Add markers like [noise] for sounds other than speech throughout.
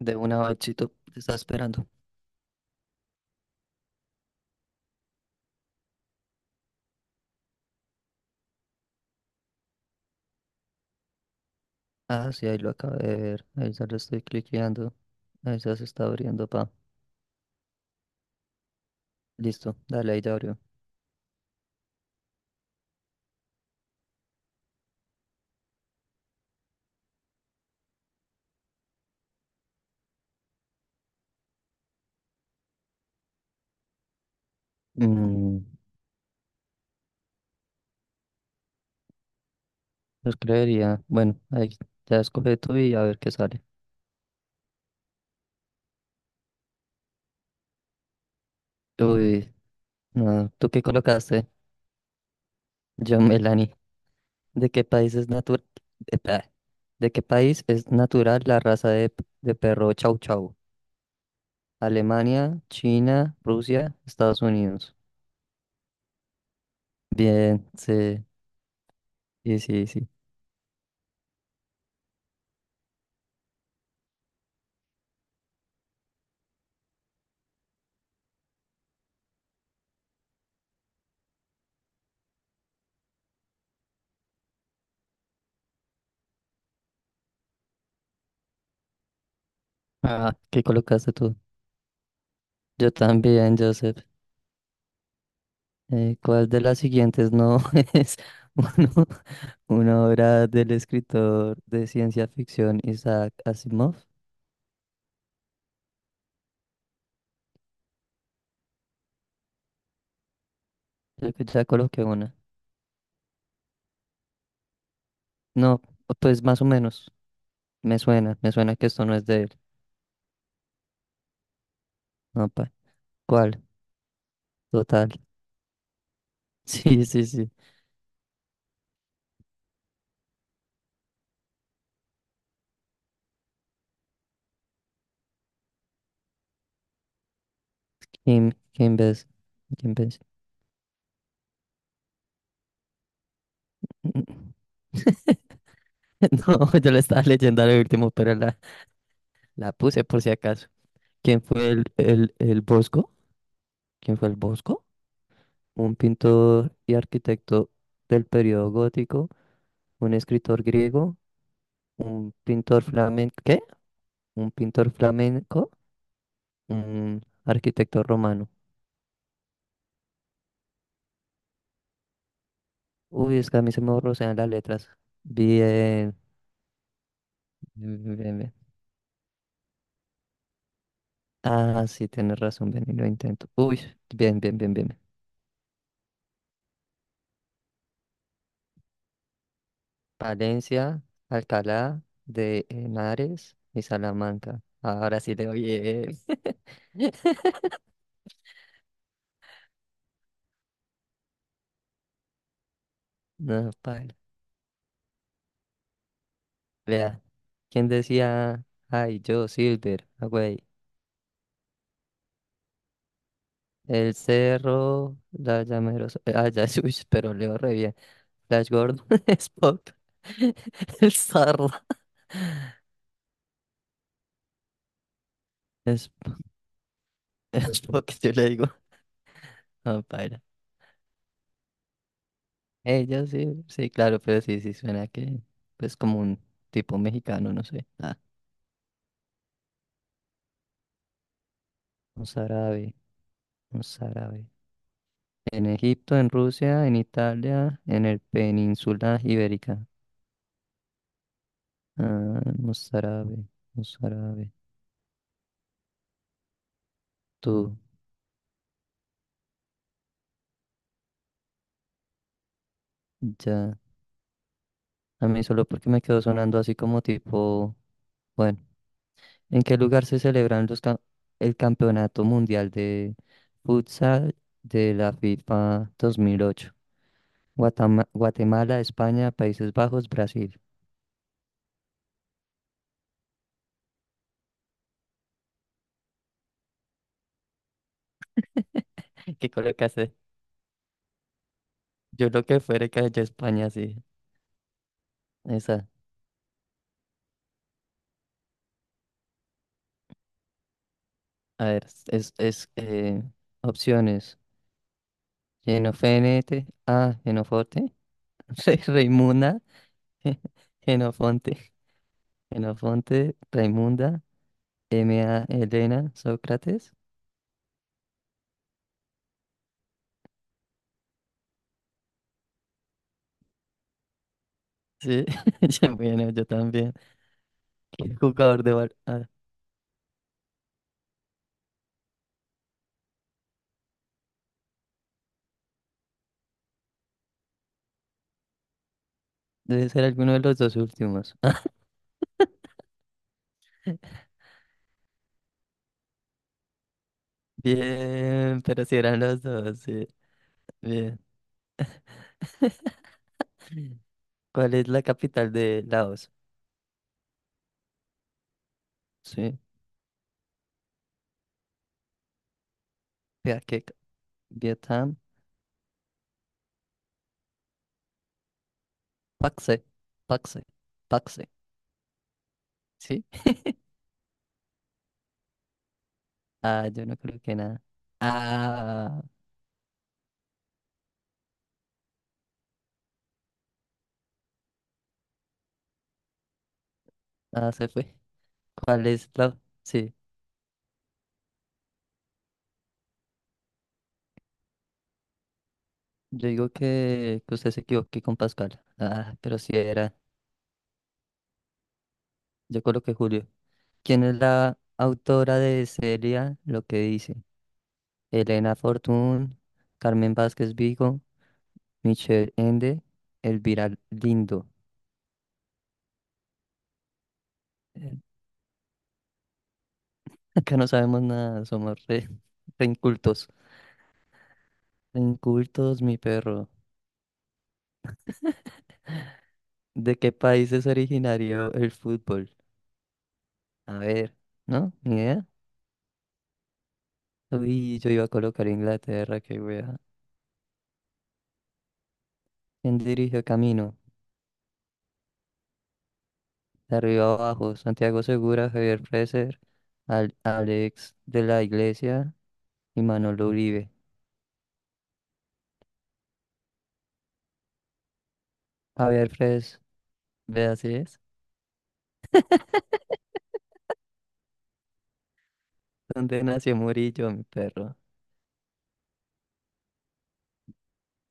De una bachito te está esperando. Ah, sí, ahí lo acabo de ver. Ahí ya lo estoy cliqueando. Ahí ya se está abriendo, pa. Listo, dale, ahí ya abrió. Mm, los creería. Bueno, ahí ya escoge tú y a ver qué sale. Uy, no, ¿tú qué colocaste? Yo, Melanie. ¿De qué país es natural? ¿De qué país es natural la raza de, de perro Chau Chau? Alemania, China, Rusia, Estados Unidos. Bien, sí, sí, sí, sí. Ah, ¿qué colocaste tú? Yo también, Joseph. ¿Cuál de las siguientes no [laughs] es uno- una obra del escritor de ciencia ficción Isaac Asimov? Creo que ya coloqué una. No, pues más o menos. Me suena que esto no es de él. No, pa. ¿Cuál? Total. [laughs] Sí, sí, sí. Kim, Kim Bes- Kim Bes- [laughs] No, yo la estaba leyendo al último, pero la puse por si acaso. ¿Quién fue el Bosco? ¿Quién fue el Bosco? Un pintor y arquitecto del periodo gótico, un escritor griego, un pintor flamenco, ¿qué? Un pintor flamenco, un arquitecto romano. Uy, es que a mí se me borrosean las letras. Bien, bien, bien. Ah, sí, tienes razón, ven y lo intento. Uy, bien, bien, bien, bien. Palencia, Alcalá de Henares y Salamanca. Ahora sí le doy. [laughs] No, paila. Vea, ¿quién decía? Ay, yo, Silver, ah, güey. El cerro, la llamerosa. Ah, ya, [laughs] uy, pero leo re bien. Flash Gordon, [laughs] Spock, [laughs] el zorro. Es, [laughs] Spock, yo le digo. No, paila. Ella sí, sí, claro, pero sí, sí suena que, pues, como un tipo mexicano, no sé. Ah, un árabe, un árabe. En Egipto, en Rusia, en Italia, en el península ibérica. Ah, un árabe, un árabe. Tú, ya. A mí solo porque me quedó sonando así como tipo, bueno, ¿en qué lugar se celebran los el Campeonato Mundial de Futsal de la FIFA 2008? Guatemala, España, Países Bajos, Brasil. [laughs] ¿Qué colocaste? Yo lo que fuera que haya España, sí. Esa. A ver, es opciones. Genofenete, ah, Genofonte. [laughs] Genoforte, Raimunda, [laughs] Genofonte, Genofonte, Raimunda. M.A. Elena Sócrates. Sí, [laughs] yo, bueno, yo también. ¿Qué jugador de bar? Debe ser alguno de los dos últimos. [laughs] Bien, pero si eran los dos, sí. Bien. ¿Cuál es la capital de Laos? Sí. Viaquec, Vietnam, Paxe, Paxe, Paxe. Sí. Ah, yo no creo que nada. Ah, ah, se fue. ¿Cuál es la? Sí. Yo digo que usted se equivoque con Pascual. Ah, pero si era. Yo coloqué Julio. ¿Quién es la autora de Celia? Lo que dice. Elena Fortún, Carmen Vázquez Vigo, Michelle Ende, Elvira Lindo. Eh, [laughs] Acá no sabemos nada, somos re, [laughs] re incultos. Re incultos, mi perro. ¿De qué país es originario el fútbol? A ver, ¿no? ¿Ni idea? Uy, yo iba a colocar Inglaterra, qué wea. ¿Quién dirigió Camino? De arriba abajo, Santiago Segura, Javier Freser, Alex de la Iglesia y Manolo Uribe. A ver, Fres, ve así es. ¿Dónde nació Murillo, mi perro?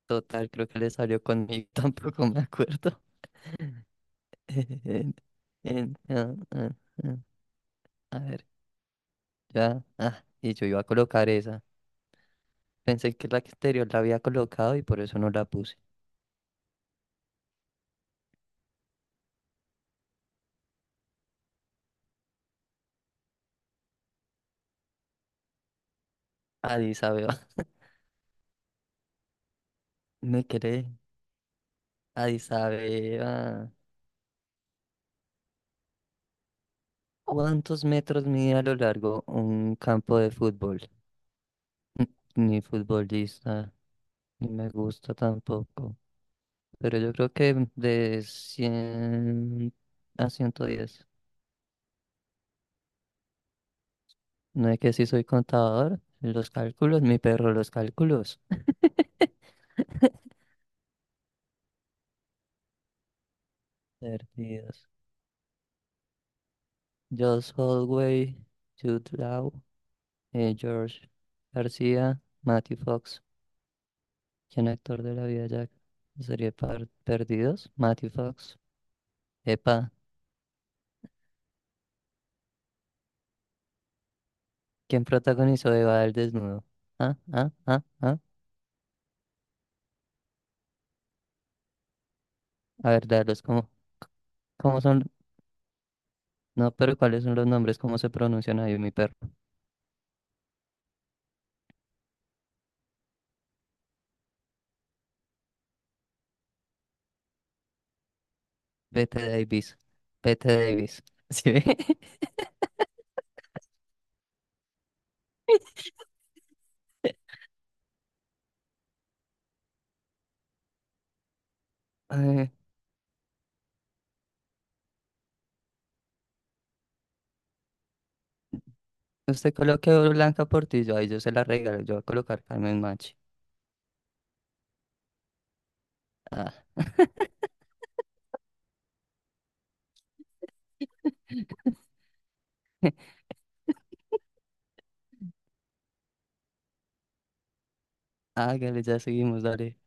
Total, creo que le salió conmigo, [laughs] tampoco me acuerdo. [laughs] En- en- ah, ah, ah. A ver, ya. Ah, y yo iba a colocar esa. Pensé que la exterior la había colocado y por eso no la puse. Addis Abeba. [laughs] Me quedé. Addis Abeba. ¿Cuántos metros mide a lo largo un campo de fútbol? [laughs] Ni futbolista, ni me gusta tampoco, pero yo creo que de 100 a ciento diez. No, es que si soy contador, los cálculos, mi perro, los cálculos. Perdidos. Josh Holloway, Jude Law, George García, Matthew Fox. ¿Quién actor de la vida Jack? Sería Perdidos, Matthew Fox. Epa, ¿quién protagonizó Eva el desnudo? Ah, ah, ah, ah. A ver, darlos, ¿cómo son? No, pero ¿cuáles son los nombres? ¿Cómo se pronuncian ahí, mi perro? Bette Davis. Bette Davis. ¿Sí ve? [laughs] Eh, usted coloque Blanca Portillo. Ahí yo se la regalo. Yo voy a colocar Carmen Machi. Ah, hágale, ya seguimos, dale.